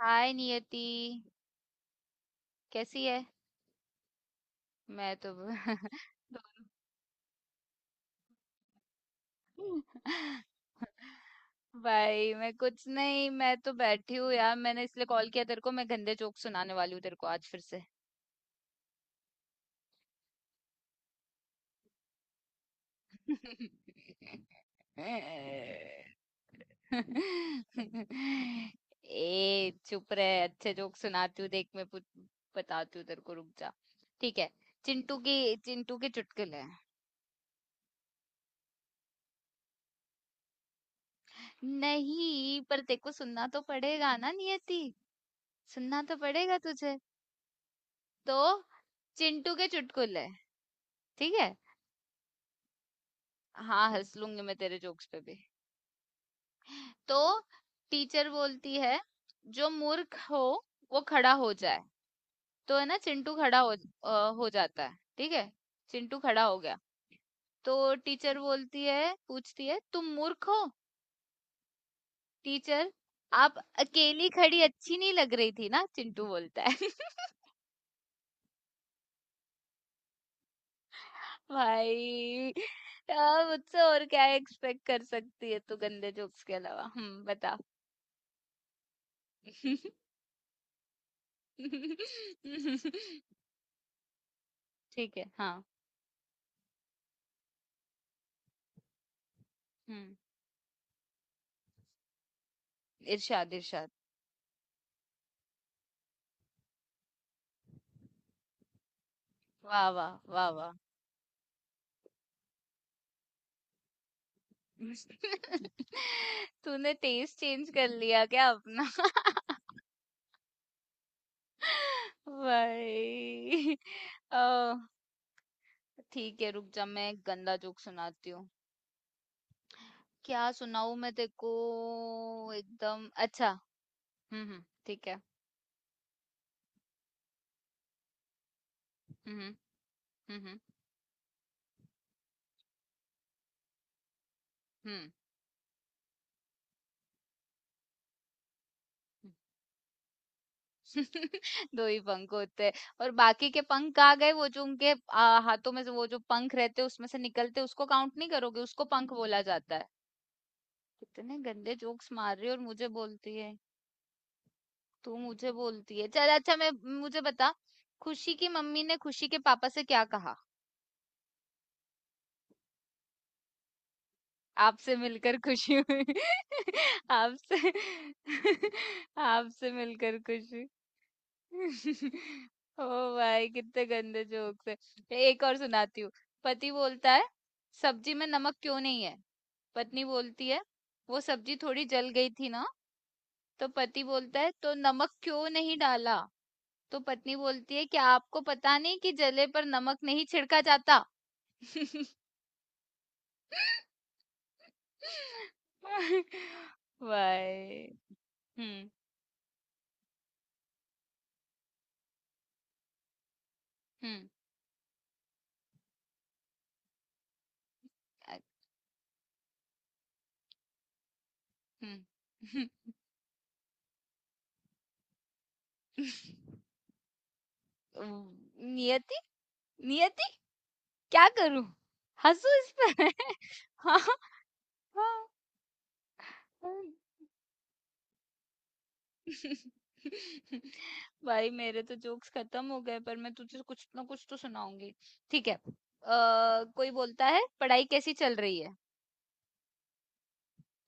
हाय नियति, कैसी है। मैं तो भाई, मैं कुछ नहीं, मैं तो बैठी हूँ यार। मैंने इसलिए कॉल किया तेरे को, मैं गंदे जोक सुनाने वाली हूँ तेरे को आज फिर से। ए चुप रहे, अच्छे जोक सुनाती हूँ देख। बताती हूँ तेरे को, रुक जा। ठीक है, चिंटू के चुटकुले। नहीं, पर तेरे को सुनना तो पड़ेगा ना नियति। सुनना तो पड़ेगा तुझे। तो चिंटू के चुटकुले, ठीक है? हाँ, हँस लूँगी मैं तेरे जोक्स पे भी। तो टीचर बोलती है, "जो मूर्ख हो, वो खड़ा हो जाए।" तो है ना, चिंटू हो जाता है, ठीक है? चिंटू खड़ा हो गया। तो टीचर बोलती है, पूछती है, "तुम मूर्ख हो?" टीचर, "आप अकेली खड़ी अच्छी नहीं लग रही थी ना?" चिंटू बोलता है। भाई, मुझसे और क्या एक्सपेक्ट कर सकती है तू गंदे जोक्स के अलावा। हम्म, बता। ठीक है हाँ। हम्म। इरशाद इरशाद। वाह वाह वाह वाह। तूने टेस्ट चेंज कर लिया क्या अपना। भाई, आ, ठीक है रुक जा, मैं एक गंदा जोक सुनाती हूँ। क्या सुनाऊं मैं तेको। एकदम अच्छा। हम्म, ठीक है। हम्म हम्म। हम्म। हुँ। 2 ही पंख होते हैं। और बाकी के पंख कहाँ गए? वो जो उनके हाथों में से वो जो पंख रहते हैं, उसमें से निकलते हैं, उसको काउंट नहीं करोगे? उसको पंख बोला जाता है। कितने गंदे जोक्स मार रही है, और मुझे बोलती है, तू मुझे बोलती है। चल अच्छा, मैं मुझे बता, खुशी की मम्मी ने खुशी के पापा से क्या कहा? आपसे मिलकर खुशी हुई। आपसे आपसे मिलकर खुशी। ओ भाई, कितने गंदे जोक्स है। एक और सुनाती हूँ। पति बोलता है, सब्जी में नमक क्यों नहीं है। पत्नी बोलती है, वो सब्जी थोड़ी जल गई थी ना। तो पति बोलता है, तो नमक क्यों नहीं डाला। तो पत्नी बोलती है, क्या आपको पता नहीं कि जले पर नमक नहीं छिड़का जाता। भाई। हम्म हम्म। अ- हम्म। नियति, नियति, क्या करूँ? हँसूँ इस पे मैं? हाँ, हाँ, हाँ। भाई मेरे तो जोक्स खत्म हो गए, पर मैं तुझे कुछ ना कुछ तो सुनाऊँगी। ठीक है। कोई बोलता है, पढ़ाई कैसी चल रही है?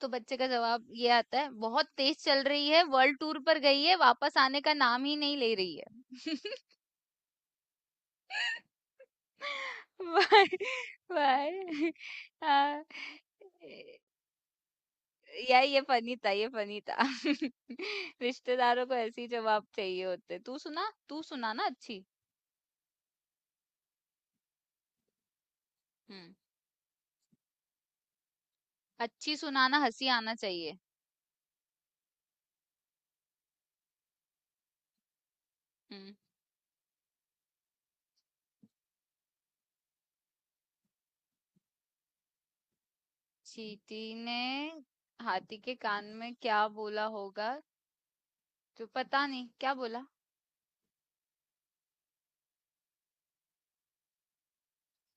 तो बच्चे का जवाब ये आता है, बहुत तेज चल रही है, वर्ल्ड टूर पर गई है, वापस आने का नाम ही नहीं ले रही है। भाई, भाई, हाँ। यार ये फनी था, ये फनी था। रिश्तेदारों को ऐसे ही जवाब चाहिए होते। तू सुना, तू सुना ना अच्छी। हम्म, अच्छी सुनाना, हंसी आना चाहिए। हम्म, चींटी ने हाथी के कान में क्या बोला होगा, तो पता नहीं क्या बोला।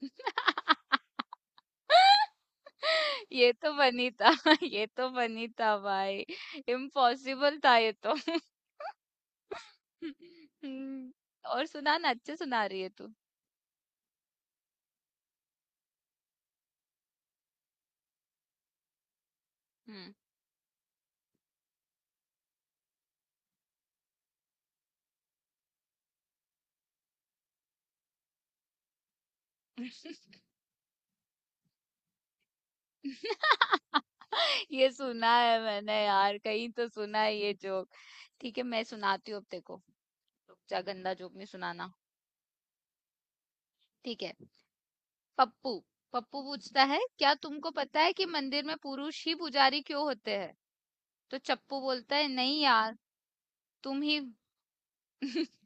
ये तो बनी था, ये तो बनी था भाई, इम्पॉसिबल था ये तो। हम्म, और सुना ना, अच्छे सुना रही है तू। हम्म। ये सुना है मैंने यार, कहीं तो सुना है ये जोक। ठीक है, मैं सुनाती हूँ अब, देखो। रुक जा, गंदा जोक नहीं सुनाना। ठीक है, पप्पू, पप्पू पूछता है, क्या तुमको पता है कि मंदिर में पुरुष ही पुजारी क्यों होते हैं। तो चप्पू बोलता है, नहीं यार, तुम ही।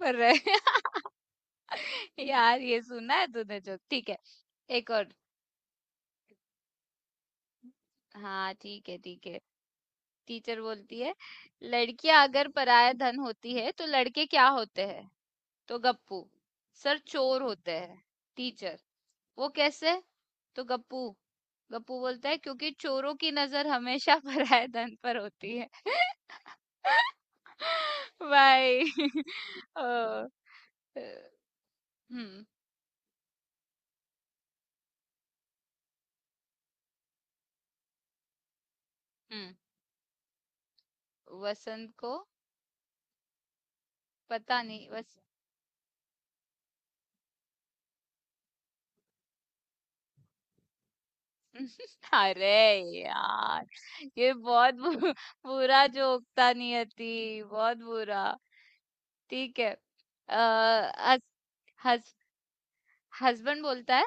पर रहे- यार ये सुना है तूने जोक, ठीक है एक और। हाँ ठीक है, ठीक है। टीचर बोलती है, लड़कियां अगर पराया धन होती है तो लड़के क्या होते हैं। तो गप्पू, सर चोर होते हैं। टीचर, वो कैसे। तो गप्पू गप्पू बोलता है, क्योंकि चोरों की नजर हमेशा पराया धन पर होती है। भाई। ओ, हम्म हम्म। वसंत को पता नहीं, बस। अरे यार, ये बुरा जोक था नियति, बहुत बुरा। ठीक है, आ, हस, हस्बैंड बोलता है,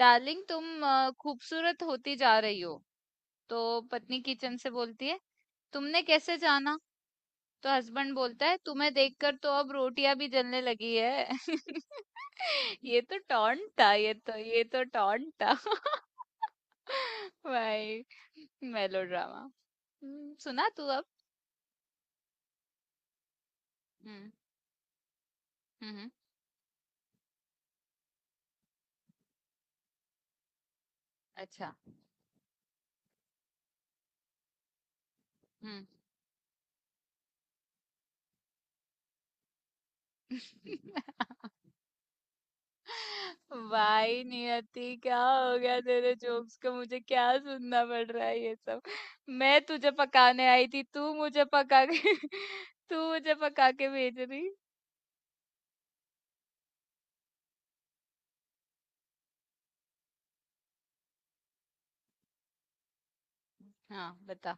डार्लिंग तुम खूबसूरत होती जा रही हो। तो पत्नी किचन से बोलती है, तुमने कैसे जाना। तो हस्बैंड बोलता है, तुम्हें देखकर तो अब रोटियां भी जलने लगी है। ये तो टॉन्ट था, ये तो टॉन्ट था। भाई, मेलोड्रामा। सुना तू अब। हम्म हम्म, अच्छा, हम्म। भाई नियति, क्या हो गया तेरे जोक्स को, मुझे क्या सुनना पड़ रहा है ये सब। मैं तुझे पकाने आई थी, तू मुझे पका के तू मुझे पका के भेज रही। हाँ बता।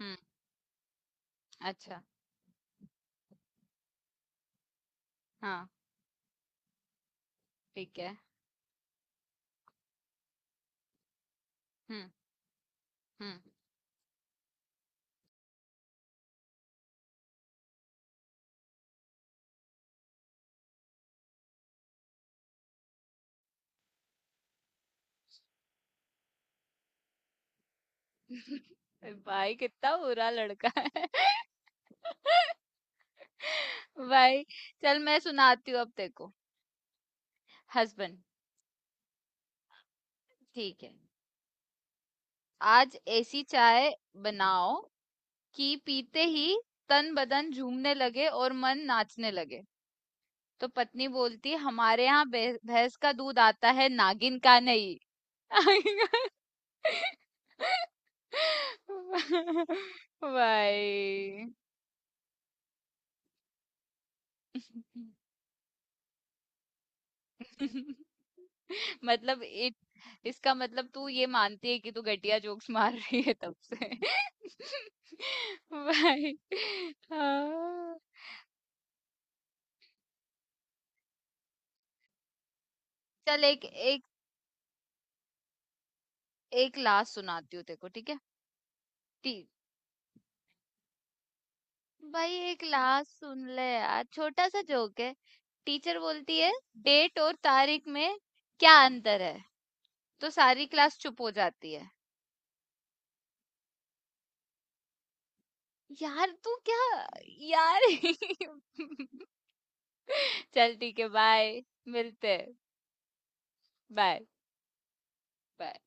हम्म, अच्छा। हाँ ठीक है। हम्म हम्म। भाई कितना बुरा लड़का है। भाई, चल मैं सुनाती हूँ अब तेरे को। हस्बैंड, ठीक है, आज ऐसी चाय बनाओ कि पीते ही तन बदन झूमने लगे और मन नाचने लगे। तो पत्नी बोलती, हमारे यहाँ भैंस का दूध आता है, नागिन का नहीं। भाई। मतलब, इसका मतलब तू ये मानती है कि तू घटिया जोक्स मार रही है तब से। भाई, हाँ। चल एक एक एक लास्ट सुनाती हूँ तेरे को, ठीक है। टी भाई, एक लास्ट सुन ले यार, छोटा सा जोक है। टीचर बोलती है, डेट और तारीख में क्या अंतर है। तो सारी क्लास चुप हो जाती है। यार तू क्या, यार। चल ठीक है, बाय, मिलते हैं, बाय बाय।